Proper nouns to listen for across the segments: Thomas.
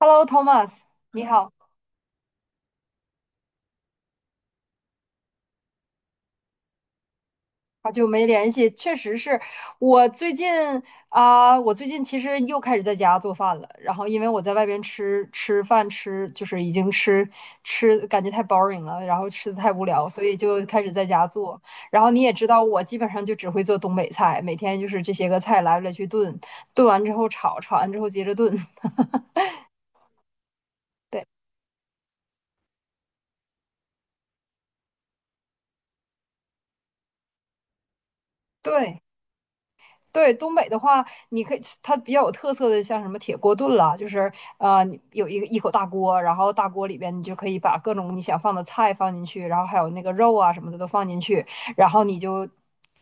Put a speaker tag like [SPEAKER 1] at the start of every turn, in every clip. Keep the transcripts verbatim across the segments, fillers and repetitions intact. [SPEAKER 1] Hello, Thomas，你好，好久没联系，确实是我最近啊、我最近其实又开始在家做饭了。然后因为我在外边吃吃饭吃，就是已经吃吃，感觉太 boring 了，然后吃的太无聊，所以就开始在家做。然后你也知道，我基本上就只会做东北菜，每天就是这些个菜来来去炖，炖完之后炒，炒完之后接着炖。对对，对，东北的话，你可以吃它比较有特色的，像什么铁锅炖啦，就是呃，你有一个一口大锅，然后大锅里边你就可以把各种你想放的菜放进去，然后还有那个肉啊什么的都放进去，然后你就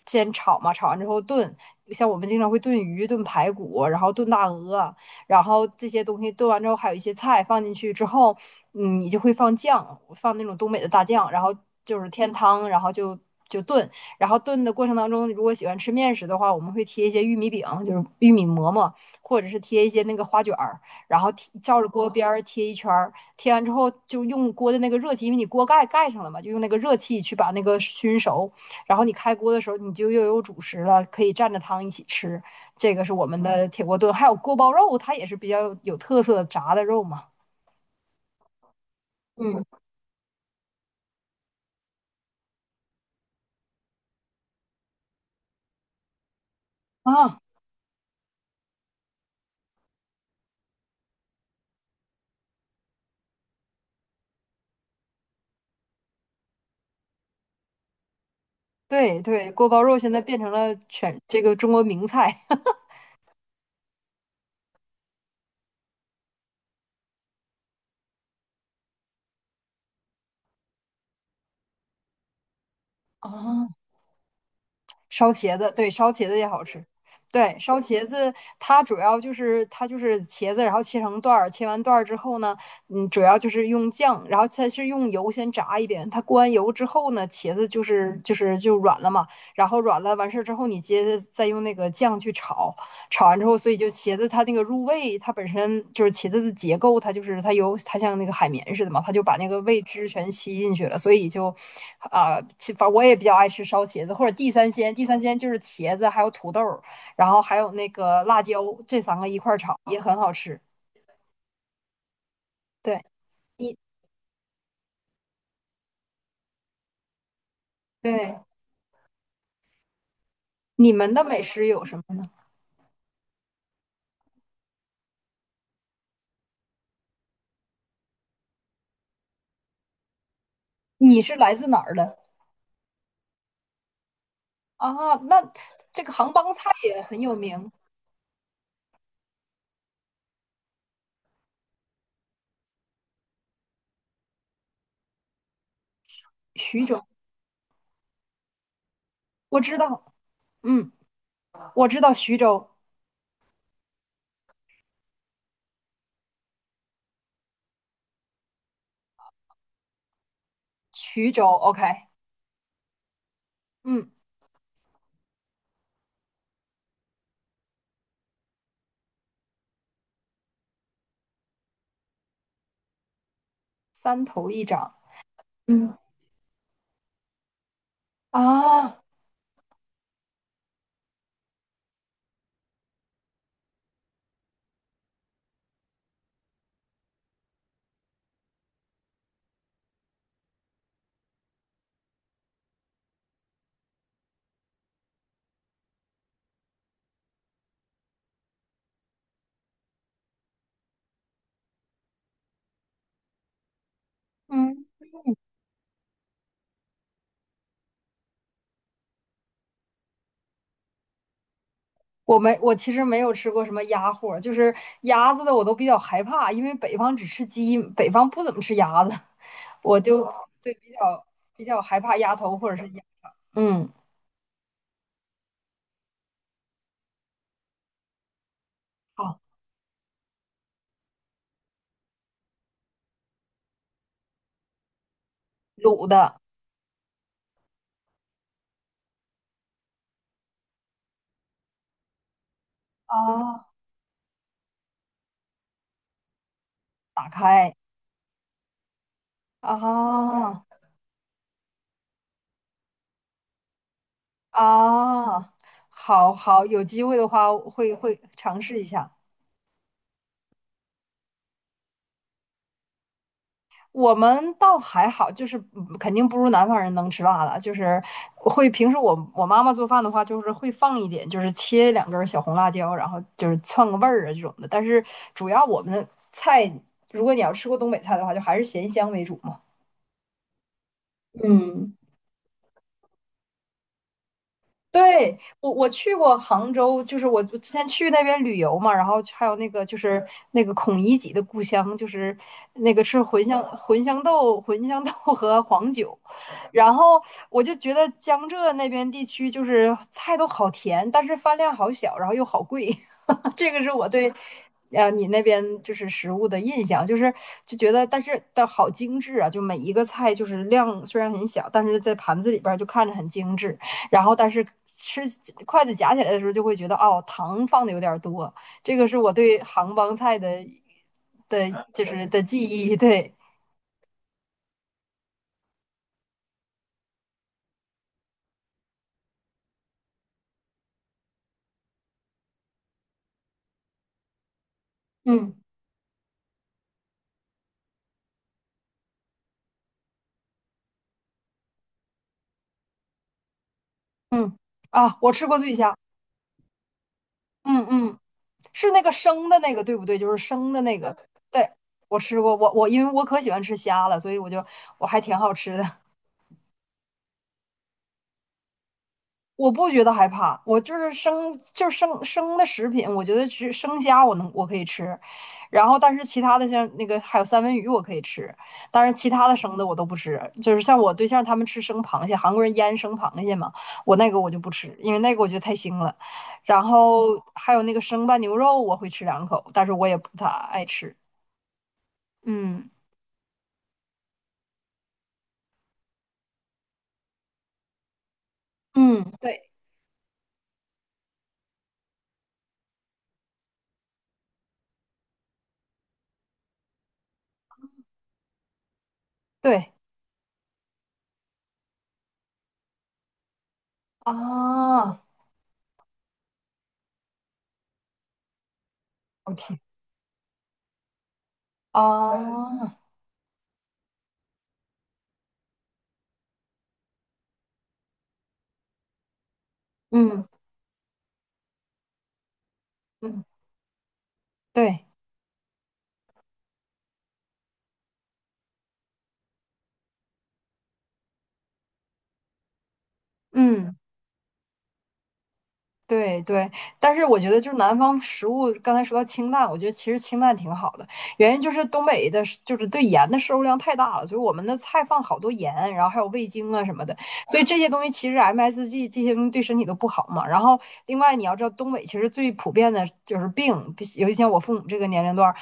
[SPEAKER 1] 先炒嘛，炒完之后炖。像我们经常会炖鱼、炖排骨，然后炖大鹅，然后这些东西炖完之后，还有一些菜放进去之后，嗯你就会放酱，放那种东北的大酱，然后就是添汤，然后就就炖，然后炖的过程当中，如果喜欢吃面食的话，我们会贴一些玉米饼，就是玉米馍馍，或者是贴一些那个花卷儿，然后贴照着锅边儿贴一圈儿，贴完之后就用锅的那个热气，因为你锅盖盖上了嘛，就用那个热气去把那个熏熟。然后你开锅的时候，你就又有主食了，可以蘸着汤一起吃。这个是我们的铁锅炖，还有锅包肉，它也是比较有特色炸的肉嘛。嗯，啊，对对，锅包肉现在变成了全这个中国名菜。啊。烧茄子，对，烧茄子也好吃。对，烧茄子它主要就是它就是茄子，然后切成段儿，切完段儿之后呢，嗯，主要就是用酱，然后它是用油先炸一遍，它过完油之后呢，茄子就是就是就软了嘛，然后软了完事儿之后，你接着再用那个酱去炒，炒完之后，所以就茄子它那个入味，它本身就是茄子的结构，它就是它有它像那个海绵似的嘛，它就把那个味汁全吸进去了，所以就啊，其反正我也比较爱吃烧茄子或者地三鲜，地三鲜就是茄子还有土豆，然后还有那个辣椒这三个一块儿炒也很好吃。对，你对你们的美食有什么呢？你是来自哪儿的啊？那这个杭帮菜也很有名，徐州，我知道，嗯，我知道徐州。衢州，OK，嗯，三头一掌，嗯啊，嗯，我没，我其实没有吃过什么鸭货，就是鸭子的我都比较害怕，因为北方只吃鸡，北方不怎么吃鸭子，我就对比较比较害怕鸭头或者是鸭，嗯，好，卤的啊，打开啊啊，好好，有机会的话会会尝试一下。我们倒还好，就是嗯肯定不如南方人能吃辣了。就是会平时我我妈妈做饭的话，就是会放一点，就是切两根儿小红辣椒，然后就是窜个味儿啊这种的。但是主要我们的菜，如果你要吃过东北菜的话，就还是咸香为主嘛。嗯。对，我我去过杭州，就是我之前去那边旅游嘛，然后还有那个就是那个孔乙己的故乡，就是那个吃茴香茴香豆、茴香豆和黄酒，然后我就觉得江浙那边地区就是菜都好甜，但是饭量好小，然后又好贵，这个是我对，呃，你那边就是食物的印象，就是就觉得，但是但好精致啊，就每一个菜就是量虽然很小，但是在盘子里边儿就看着很精致，然后但是吃筷子夹起来的时候就会觉得哦，糖放的有点儿多，这个是我对杭帮菜的的，就是的记忆，对，嗯嗯啊，我吃过醉虾，嗯嗯。是那个生的那个对不对？就是生的那个，对，我吃过，我我因为我可喜欢吃虾了，所以我就我还挺好吃的，我不觉得害怕，我就是生就是生生的食品，我觉得吃生虾我能我可以吃，然后但是其他的像那个还有三文鱼我可以吃，但是其他的生的我都不吃，就是像我对象他们吃生螃蟹，韩国人腌生螃蟹嘛，我那个我就不吃，因为那个我觉得太腥了，然后还有那个生拌牛肉我会吃两口，但是我也不太爱吃，嗯。嗯，对对啊，我天啊，嗯嗯，对，嗯。对对，但是我觉得就是南方食物，刚才说到清淡，我觉得其实清淡挺好的，原因就是东北的是就是对盐的摄入量太大了，所以我们的菜放好多盐，然后还有味精啊什么的，所以这些东西其实 M S G 这些东西对身体都不好嘛。然后另外你要知道，东北其实最普遍的就是病，尤其像我父母这个年龄段儿，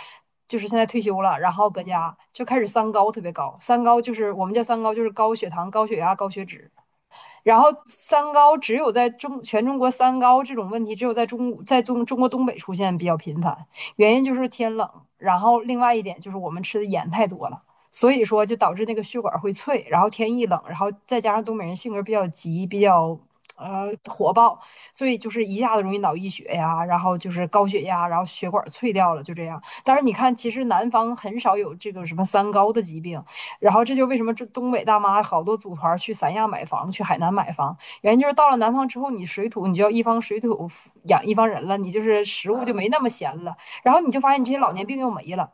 [SPEAKER 1] 就是现在退休了，然后搁家就开始三高特别高，三高就是我们叫三高，就是高血糖、高血压、高血脂。然后三高只有在中全中国三高这种问题，只有在中在东中国东北出现比较频繁，原因就是天冷，然后另外一点就是我们吃的盐太多了，所以说就导致那个血管会脆，然后天一冷，然后再加上东北人性格比较急，比较呃火爆，所以就是一下子容易脑溢血呀，然后就是高血压，然后血管脆掉了，就这样。但是你看，其实南方很少有这个什么三高的疾病，然后这就为什么这东北大妈好多组团去三亚买房，去海南买房，原因就是到了南方之后，你水土你就要一方水土养一方人了，你就是食物就没那么咸了，然后你就发现你这些老年病又没了。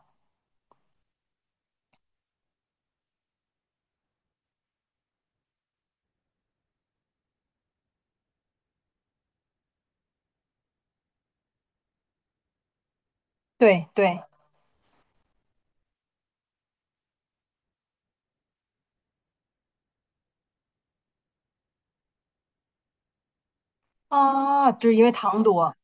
[SPEAKER 1] 对对啊，就是因为糖多，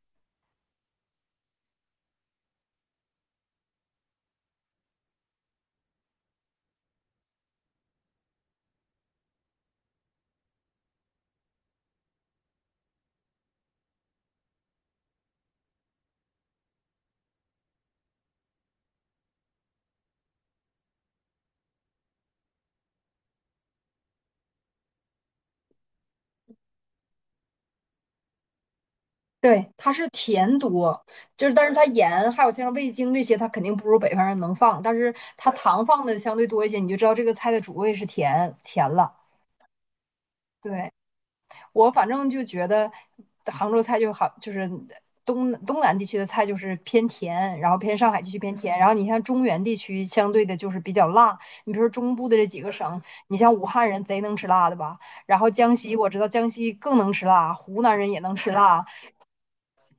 [SPEAKER 1] 对，它是甜多，就是但是它盐还有像味精这些，它肯定不如北方人能放，但是它糖放的相对多一些，你就知道这个菜的主味是甜甜了。对，我反正就觉得杭州菜就好，就是东东南地区的菜就是偏甜，然后偏上海地区偏甜，然后你像中原地区相对的就是比较辣。你比如说中部的这几个省，你像武汉人贼能吃辣的吧，然后江西我知道江西更能吃辣，湖南人也能吃辣，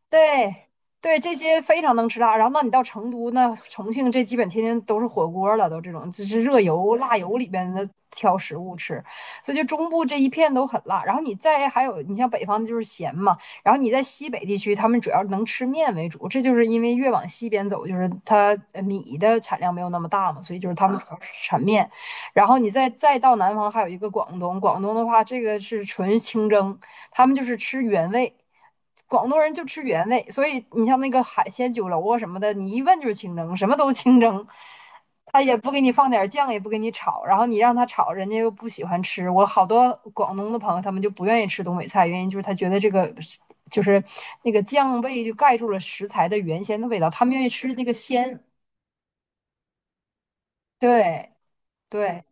[SPEAKER 1] 对对，这些非常能吃辣。然后，那你到成都，那重庆这基本天天都是火锅了，都这种这是热油、辣油里边的挑食物吃，所以就中部这一片都很辣。然后你再还有，你像北方就是咸嘛，然后你在西北地区，他们主要能吃面为主，这就是因为越往西边走，就是它呃米的产量没有那么大嘛，所以就是他们主要是产面。然后你再再到南方，还有一个广东，广东的话，这个是纯清蒸，他们就是吃原味，广东人就吃原味，所以你像那个海鲜酒楼啊什么的，你一问就是清蒸，什么都清蒸，他也不给你放点酱，也不给你炒，然后你让他炒，人家又不喜欢吃。我好多广东的朋友，他们就不愿意吃东北菜，原因就是他觉得这个就是那个酱味就盖住了食材的原先的味道，他们愿意吃那个鲜。对对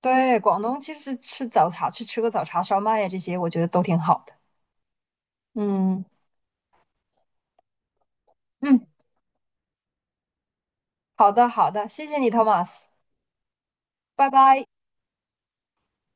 [SPEAKER 1] 对，广东其实吃早茶，去吃个早茶烧麦呀，这些我觉得都挺好的。嗯嗯。好的，好的，谢谢你，Thomas，拜拜。